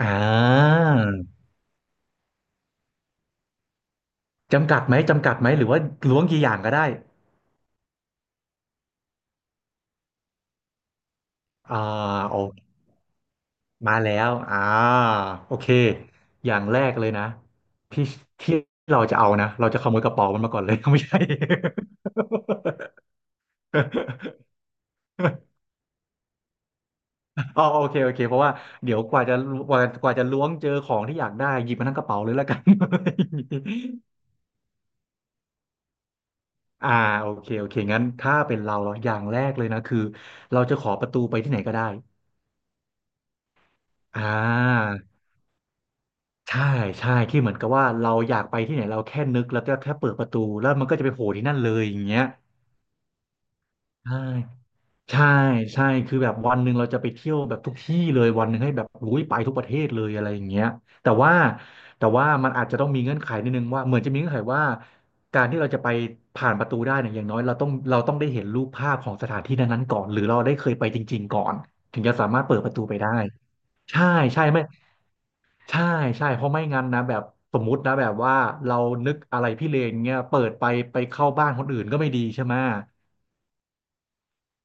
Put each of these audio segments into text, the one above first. อ่าจำกัดไหมหรือว่าล้วงกี่อย่างก็ได้อ่าโอมาแล้วโอเคอย่างแรกเลยนะที่ที่เราจะเอานะเราจะขโมยกระเป๋ามันมาก่อนเลย ไม่ใช่ อ๋อโอเคเพราะว่าเดี๋ยวกว่าจะล้วงเจอของที่อยากได้หยิบมาทั้งกระเป๋าเลยแล้วกัน อ่าโอเคงั้นถ้าเป็นเราอย่างแรกเลยนะคือเราจะขอประตูไปที่ไหนก็ได้อ่า ใช่ใช่ที่เหมือนกับว่าเราอยากไปที่ไหนเราแค่นึกแล้วก็แค่เปิดประตูแล้วมันก็จะไปโผล่ที่นั่นเลยอย่างเงี้ยใช่ใช่ใช่คือแบบวันหนึ่งเราจะไปเที่ยวแบบทุกที่เลยวันหนึ่งให้แบบอุ้ยไปทุกประเทศเลยอะไรอย่างเงี้ยแต่ว่ามันอาจจะต้องมีเงื่อนไขนิดนึงว่าเหมือนจะมีเงื่อนไขว่าการที่เราจะไปผ่านประตูได้เนี่ยอย่างน้อยเราต้องได้เห็นรูปภาพของสถานที่นั้นๆก่อนหรือเราได้เคยไปจริงๆก่อนถึงจะสามารถเปิดประตูไปได้ใช่ใช่ไหม ใช่เพราะไม่งั้นนะแบบสมมุตินะแบบว่าเรานึกอะไรพี่เลนเงี้ยเปิดไปเข้าบ้านคนอื่นก็ไม่ดีใช่ไหม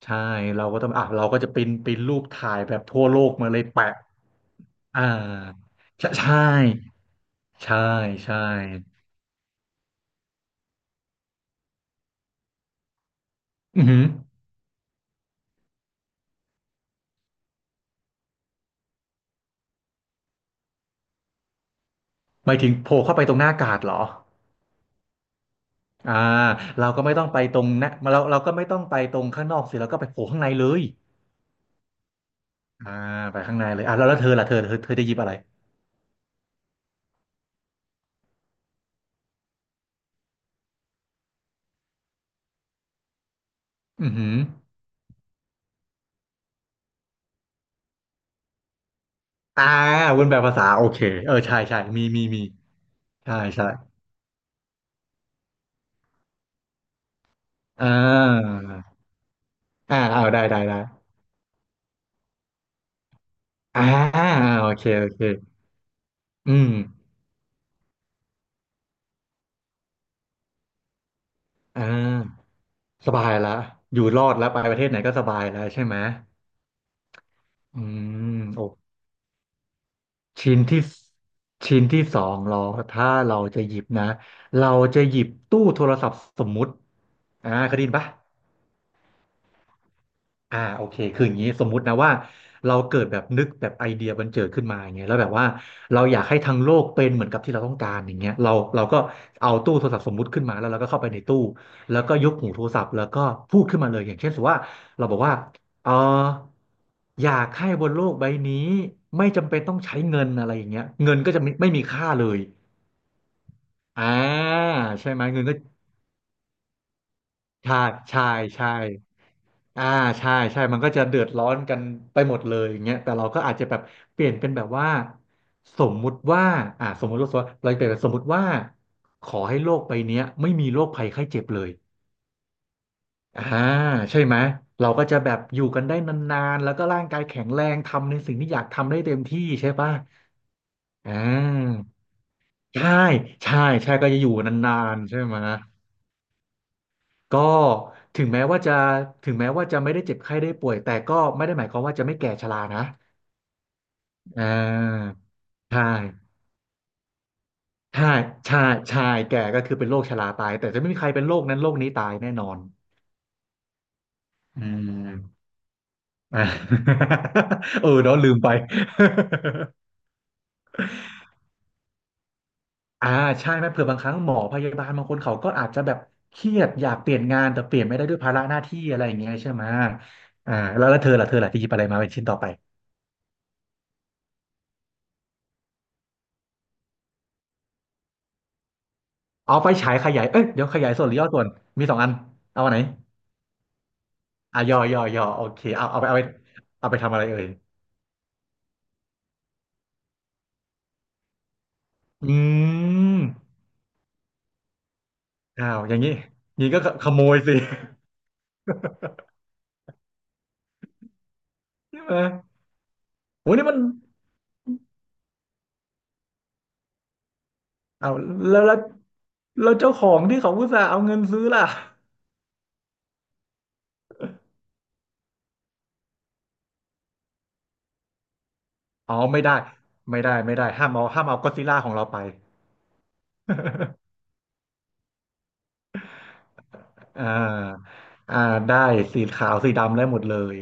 ใช่เราก็ต้องอ่ะเราก็จะปริ้นรูปถ่ายแบบทั่วโลกมาเลยแปะอ่าใช่ใช่ใช่ใช่อือหือหมายถึงโผล่เข้าไปตรงหน้ากาดเหรออ่าเราก็ไม่ต้องไปตรงนะเราก็ไม่ต้องไปตรงข้างนอกสิเราก็ไปโผล่ข้างในเลยอ่าไปข้างในเลยอ่ะแล้วเธอล่ะเธอจะหยิบอะไรอือหือ อ่าวนแปลภาษาโอเคเออใช่มีมีใช่ใช่อ่าเอาได้อ่าโอเคอืมอ่าสบายละอยู่รอดแล้วไปประเทศไหนก็สบายแล้วใช่ไหมอืมโอ้ชิ้นที่ชิ้นที่สองเราถ้าเราจะหยิบนะเราจะหยิบตู้โทรศัพท์สมมุติเคยได้ยินปะ โอเคคืออย่างนี้สมมุตินะว่าเราเกิดแบบนึกแบบไอเดียบันเจิดขึ้นมาอย่างเงี้ยแล้วแบบว่าเราอยากให้ทั้งโลกเป็นเหมือนกับที่เราต้องการอย่างเงี้ยเราก็เอาตู้โทรศัพท์สมมุติขึ้นมาแล้วเราก็เข้าไปในตู้แล้วก็ยกหูโทรศัพท์แล้วก็พูดขึ้นมาเลยอย่างเช่นสมมติว่าเราบอกว่าเอออยากให้บนโลกใบนี้ไม่จำเป็นต้องใช้เงินอะไรอย่างเงี้ยเงินก็จะไม่มีค่าเลยอ่าใช่ไหมเงินก็ใช่ใช่ใช่ อ่าใช่มันก็จะเดือดร้อนกันไปหมดเลยอย่างเงี้ยแต่เราก็อาจจะแบบเปลี่ยนเป็นแบบว่าสมมุติว่าอ่าสมมุติว่าเราเปลี่ยนเป็นสมมุติว่าขอให้โลกใบเนี้ยไม่มีโรคภัยไข้เจ็บเลยอ่าใช่ไหมเราก็จะแบบอยู่กันได้นานๆแล้วก็ร่างกายแข็งแรงทำในสิ่งที่อยากทำได้เต็มที่ใช่ป่ะอ่าใช่ใช่ใช่ก็จะอยู่นานๆใช่ไหมก็ถึงแม้ว่าจะถึงแม้ว่าจะไม่ได้เจ็บไข้ได้ป่วยแต่ก็ไม่ได้หมายความว่าจะไม่แก่ชรานะ อ่าใช่ใช่ใช่ใช่แก่ก็คือเป็นโรคชราตายแต่จะไม่มีใครเป็นโรคนั้นโรคนี้ตายแน่นอนอืม อ่า เออเนาะลืมไป อ่าใช่ไหมเผื่อบางครั้งหมอพยาบาลบางคนเขาก็อาจจะแบบเครียดอยากเปลี่ยนงานแต่เปลี่ยนไม่ได้ด้วยภาระหน้าที่อะไรอย่างเงี้ยใช่ไหมแล้วเธอล่ะที่หยิบอะไรมาเป็นชิ้นต่อไปเอาไฟฉายขยายเอ้ยเดี๋ยวขยายส่วนหรือย่อส่วนมีสองอันเอาอันไหนอ่ะย่อโอเคเอาไปเอาไปทำอะไรเอ่ยอืม อ้าวอย่างนี้ก็ขโมยสิ ใช่ไหมโหนี่มันอ้าวแล้วแล้วแล้วเจ้าของที่เขาอุตส่าห์เอาเงินซื้อล่ะอ๋อไม่ได้ไม่ได้ห้ามเอาห้ามเอาก็อดซิลล่าของเราไป อ่าอ่าได้สีขาวสีดำได้หมดเลย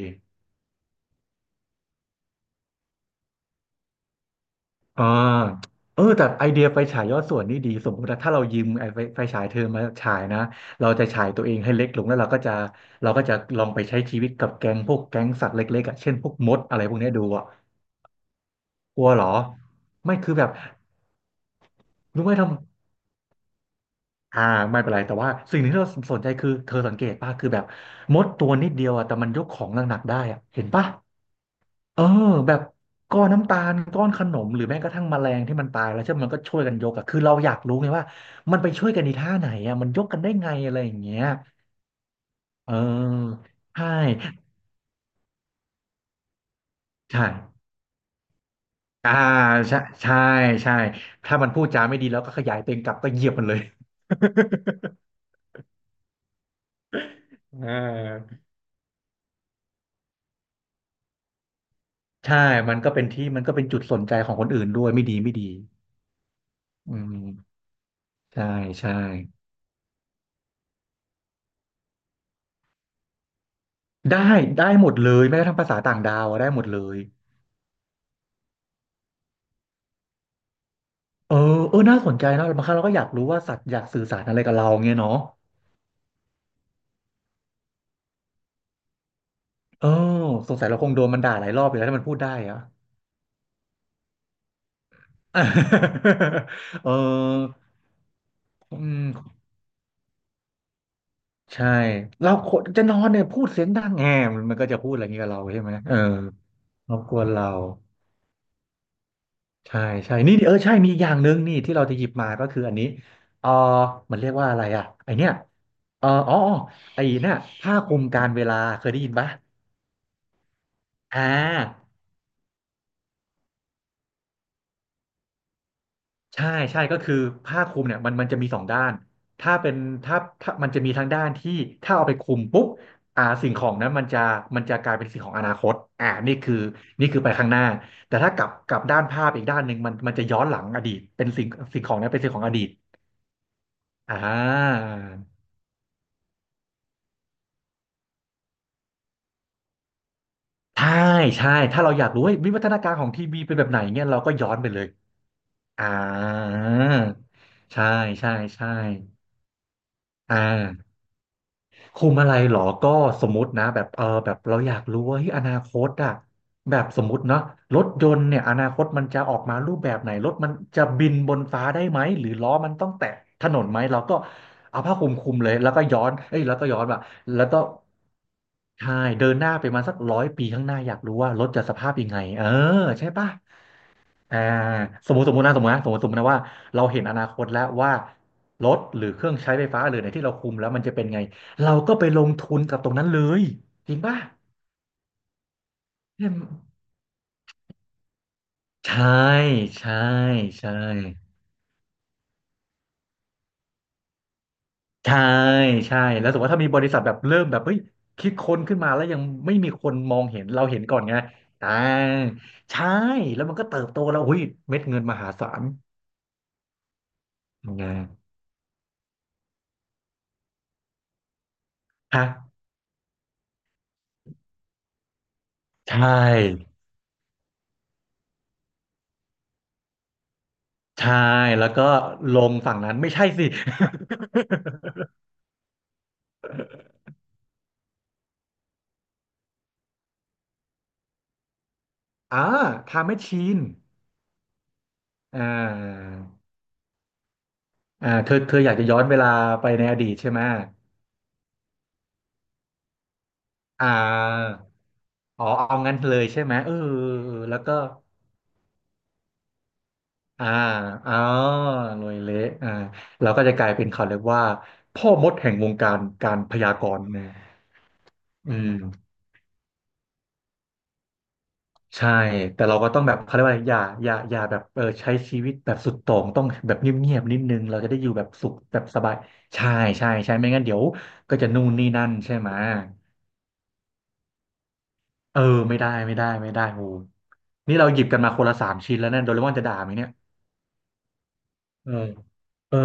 อ่าเออแต่ไอเดียไฟฉายยอดส่วนนี่ดีสมมติว่าถ้าเรายืมไอไฟฉายเธอมาฉายนะเราจะฉายตัวเองให้เล็กลงแล้วเราก็จะลองไปใช้ชีวิตกับแก๊งพวกแก๊งสัตว์เล็กๆอ่ะเช่นพวกมดอะไรพวกเนี้ยดูอ่ะ กลัวเหรอไม่คือแบบรู้ไหมทำอ่าไม่เป็นไรแต่ว่าสิ่งหนึ่งที่เราสนใจคือเธอสังเกตป่ะคือแบบมดตัวนิดเดียวอะแต่มันยกของหนักๆได้อะเห็นป่ะเออแบบก้อนน้ำตาลก้อนขนมหรือแม้กระทั่งแมลงที่มันตายแล้วใช่ไหมมันก็ช่วยกันยกอะคือเราอยากรู้ไงว่ามันไปช่วยกันในท่าไหนอะมันยกกันได้ไงอะไรอย่างเงี้ยเออใช่ใช่อ่าใช่ใช่ใช่ถ้ามันพูดจาไม่ดีแล้วก็ขยายตัวเองกลับก็เหยียบมันเลย อ่า ใช่มันก็เป็นที่มันก็เป็นจุดสนใจของคนอื่นด้วยไม่ดีไม่ดีอืมใช่ใช่ได้ได้หมดเลยแม้กระทั่งภาษาต่างดาวอะได้หมดเลย เออเออน่าสนใจนะบางครั้งเราก็อยากรู้ว่าสัตว์อยากสื่อสารอะไรกับเราเงี้ยเนาะเออสงสัยเราคงโดนมันด่าหลายรอบไปแล้วถ้ามันพูดได้อะ เอออืมใช่เราคนจะนอนเนี่ยพูดเสียงดังแงมมันก็จะพูดอะไรอย่างเงี้ยกับเราใช่ไหมเออรบกวนเรา ใช่ใช่นี่เออใช่มีอีกอย่างหนึ่งนี่ที่เราจะหยิบมาก็คืออันนี้เออมันเรียกว่าอะไรอ่ะไอเนี้ยเอออ๋ออ๋อไอเนี่ยผ้าคลุมการเวลาเคยได้ยินปะอ่าใช่ใช่ก็คือผ้าคลุมเนี่ยมันจะมีสองด้านถ้าเป็นถ้ามันจะมีทั้งด้านที่ถ้าเอาไปคลุมปุ๊บสิ่งของนั้นมันจะกลายเป็นสิ่งของอนาคตนี่คือนี่คือไปข้างหน้าแต่ถ้ากลับกลับด้านภาพอีกด้านหนึ่งมันจะย้อนหลังอดีตเป็นสิ่งสิ่งของนั้นเป็นสิ่งของอดีตอ่า ใช่ใช่ถ้าเราอยากรู้ว่าวิวัฒนาการของทีวีเป็นแบบไหนเนี่ยเราก็ย้อนไปเลยอ่าใช่ใช่ใช่อ่า คุมอะไรหรอก็สมมตินะแบบเออแบบเราอยากรู้ว่าเฮ้ยอนาคตอะแบบสมมติเนาะรถยนต์เนี่ยอนาคตมันจะออกมารูปแบบไหนรถมันจะบินบนฟ้าได้ไหมหรือล้อมันต้องแตะถนนไหมเราก็เอาผ้าคลุมคลุมเลยแล้วก็ย้อนเอ้ยแล้วก็ย้อนว่ะแล้วก็ใช่เดินหน้าไปมาสักร้อยปีข้างหน้าอยากรู้ว่ารถจะสภาพยังไงเออใช่ปะ อ่าสมมติสมมตินะว่าเราเห็นอนาคตแล้วว่ารถหรือเครื่องใช้ไฟฟ้าหรือในที่เราคุมแล้วมันจะเป็นไงเราก็ไปลงทุนกับตรงนั้นเลยจริงป่ะใช่ไหมใช่ใช่ใช่ใช่ใช่แล้วสมมติว่าถ้ามีบริษัทแบบเริ่มแบบเฮ้ยคิดค้นขึ้นมาแล้วยังไม่มีคนมองเห็นเราเห็นก่อนไงอ่าใช่แล้วมันก็เติบโตแล้วหุ้ยเม็ดเงินมหาศาลไงฮะใช่ ใช่แล้วก็ลงฝั่งนั้นไม่ใช่สิ อ่าไทม์แมชชีนอ่าเธออยากจะย้อนเวลาไปในอดีตใช่ไหมอ่าอ๋อเอางั้นเลยใช่ไหมเออเออแล้วก็อ่าอ๋อรวยเละอ่าเราก็จะกลายเป็นเขาเรียกว่าพ่อมดแห่งวงการการพยากรณ์นะอืม ใช่แต่เราก็ต้องแบบเขาเรียกว่าอะไรอย่าแบบเออใช้ชีวิตแบบสุดโต่งต้องแบบเงียบๆนิดนึงเราจะได้อยู่แบบสุขแบบสบายใช่ใช่ใช่ไม่งั้นเดี๋ยวก็จะนู่นนี่นั่นใช่ไหมเออไม่ได้ไม่ได้โอ้นี่เราหยิบกันมาคนละสามชิ้นแล้วเนี่ยโดเรมอนจะด่าไหมเนี่ยเออเออ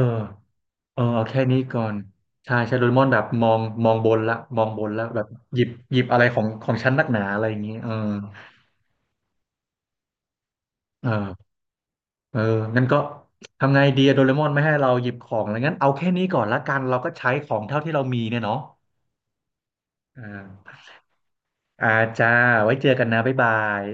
เออเอาแค่นี้ก่อนใช่ใช่โดเรมอนแบบมองบนละมองบนละแบบหยิบหยิบอะไรของฉันนักหนาอะไรอย่างนี้เออเออ เอองั้นก็ทำไงดีอะโดเรมอนไม่ให้เราหยิบของอะไรงั้นเอาแค่นี้ก่อนละกันเราก็ใช้ของเท่าที่เรามีเนี่ยเนาะอ่าอ่าจ้า ไว้เจอกันนะ บ๊ายบาย